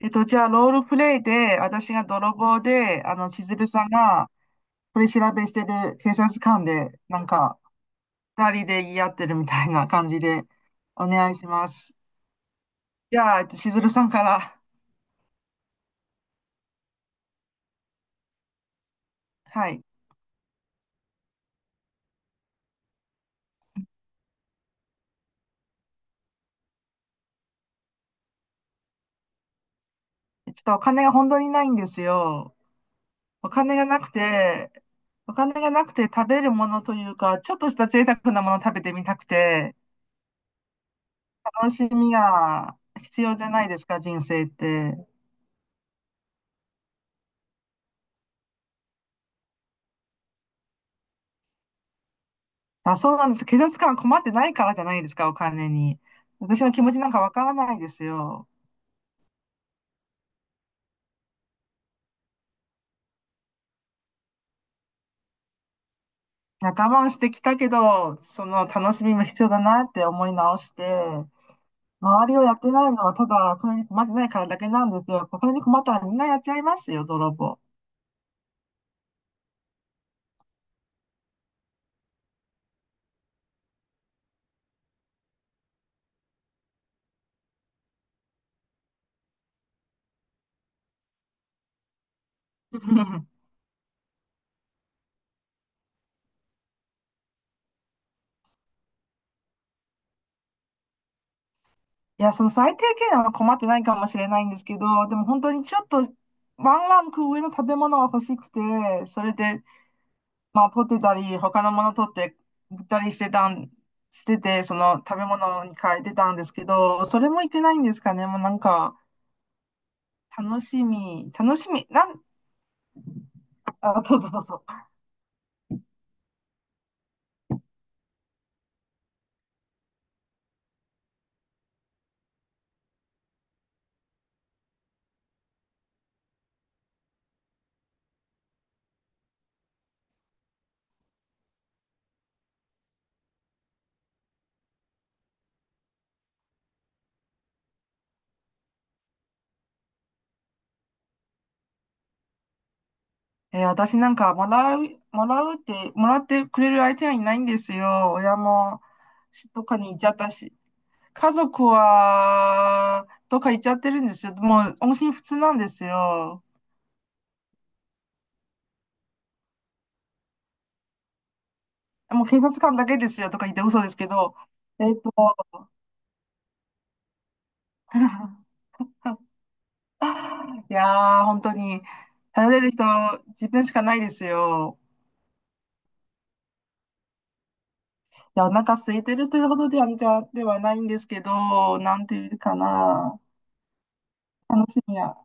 じゃあ、ロールプレイで、私が泥棒で、しずるさんが取り調べしてる警察官で、なんか、二人で言い合ってるみたいな感じで、お願いします。じゃあ、しずるさんから。はい。ちょっとお金が本当にないんですよ。お金がなくて、お金がなくて食べるものというか、ちょっとした贅沢なものを食べてみたくて、楽しみが必要じゃないですか、人生って。あ、そうなんです。警察官は困ってないからじゃないですか、お金に。私の気持ちなんかわからないですよ。我慢してきたけど、その楽しみも必要だなって思い直して、周りをやってないのはただお金に困ってないからだけなんですよ。お金に困ったらみんなやっちゃいますよ、泥棒。いや、その最低限は困ってないかもしれないんですけど、でも本当にちょっとワンランク上の食べ物が欲しくて、それでまあ、取ってたり、他のもの取って売ったりしてたん、してて、その食べ物に変えてたんですけど、それもいけないんですかね。もうなんか、楽しみ、楽しみ、なん、あ、どうぞどうぞ。えー私なんか、もらうって、もらってくれる相手はいないんですよ。親もしどっかに行っちゃったし。家族は、どっか行っちゃってるんですよ。もう、音信不通なんですよ。もう警察官だけですよとか言って、嘘ですけど。えっと、いやー、本当に、頼れる人、自分しかないですよ。いや、お腹空いてるというほどでは、ではないんですけど、なんていうかな、楽しみは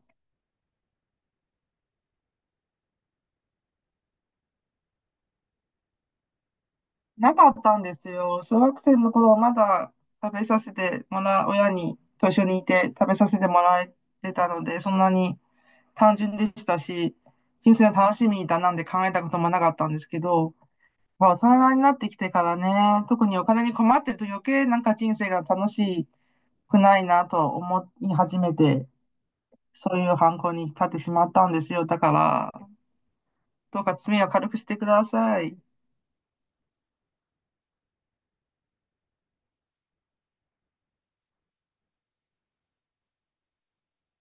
なかったんですよ。小学生の頃はまだ食べさせてもらう、親にと一緒にいて食べさせてもらえてたので、そんなに単純でしたし、人生の楽しみだなんて考えたこともなかったんですけど、まあ、大人になってきてからね、特にお金に困ってると余計なんか人生が楽しくないなと思い始めて、そういう犯行に立ってしまったんですよ。だから、どうか罪を軽くしてください。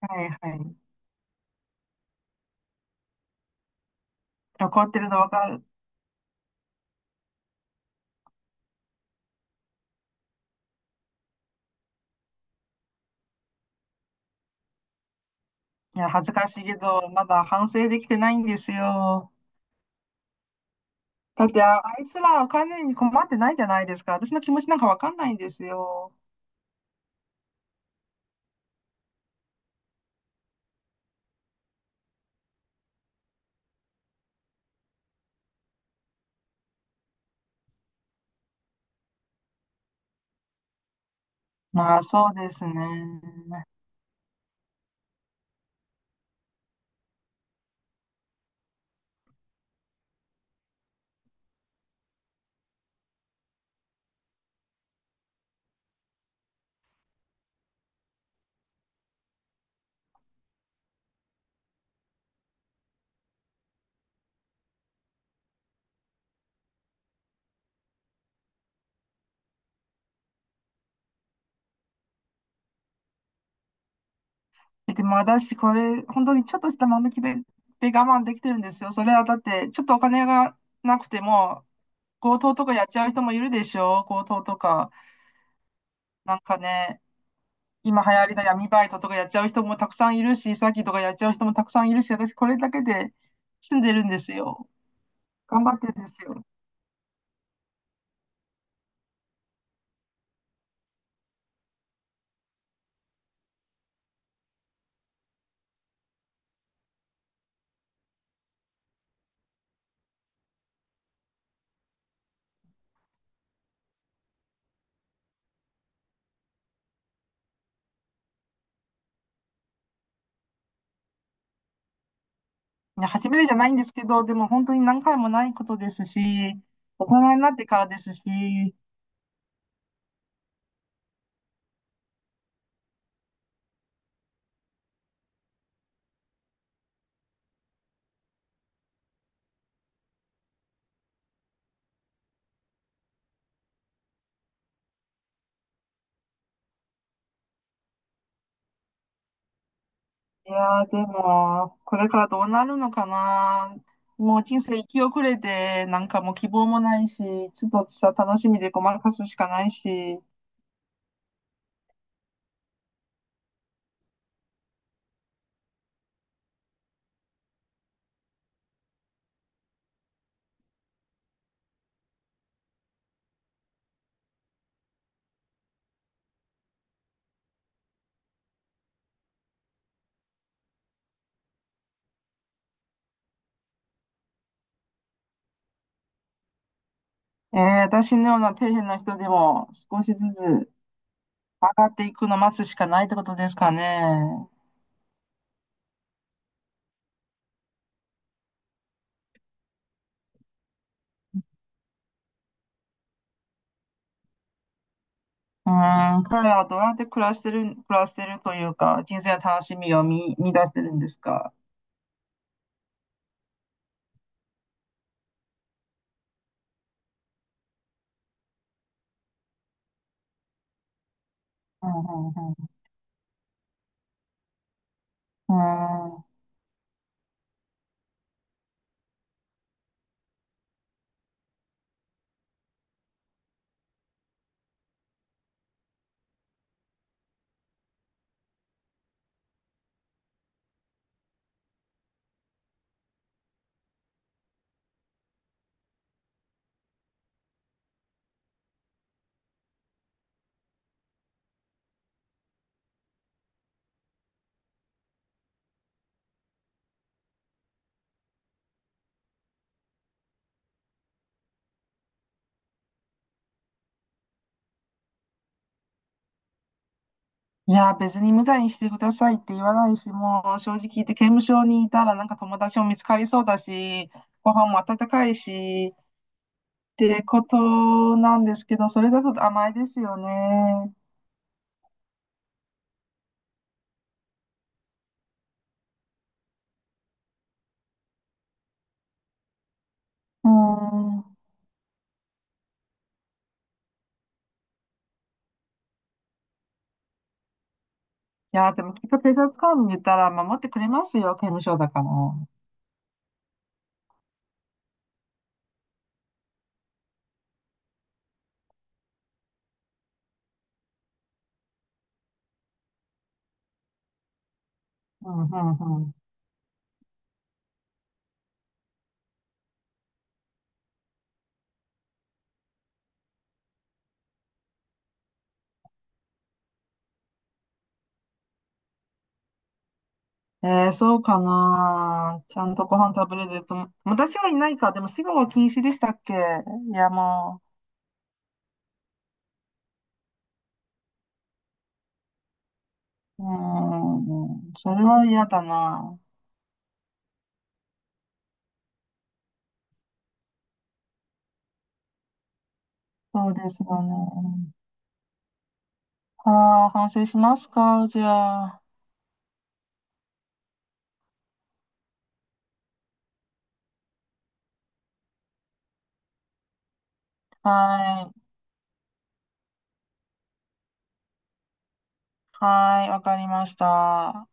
はいはい。怒ってるのわかる。いや、恥ずかしいけど、まだ反省できてないんですよ。だって、ああいつらお金に困ってないじゃないですか。私の気持ちなんかわかんないんですよ。まあ、そうですね。えでも私、これ、本当にちょっとした間抜きで、で我慢できてるんですよ。それはだって、ちょっとお金がなくても、強盗とかやっちゃう人もいるでしょ強盗とか。なんかね、今流行りの闇バイトとかやっちゃう人もたくさんいるし、詐欺とかやっちゃう人もたくさんいるし、私これだけで住んでるんですよ。頑張ってるんですよ。いや、初めてじゃないんですけど、でも本当に何回もないことですし、大人になってからですし。いやー、でも、これからどうなるのかな。もう人生生き遅れて、なんかもう希望もないし、ちょっとさ、楽しみでごまかすしかないし。えー、私のような底辺な人でも少しずつ上がっていくのを待つしかないってことですかね。うーん、彼らはどうやって暮らしてる、暮らしてるというか、人生の楽しみを見、見出せるんですか。うん、うん、うん。うーん。いや、別に無罪にしてくださいって言わないし、もう正直言って刑務所にいたらなんか友達も見つかりそうだし、ご飯も温かいしってことなんですけど、それだと甘いですよね。うん。いや、でもきっと警察官見たら守ってくれますよ、刑務所だから。うん、うん、うん。えー、そうかな。ちゃんとご飯食べれると。私はいないか。でも死後は禁止でしたっけ。いや、もう。うん。それは嫌だな。そうですよね。はあ、反省しますか、じゃあ。はい。はい、わかりました。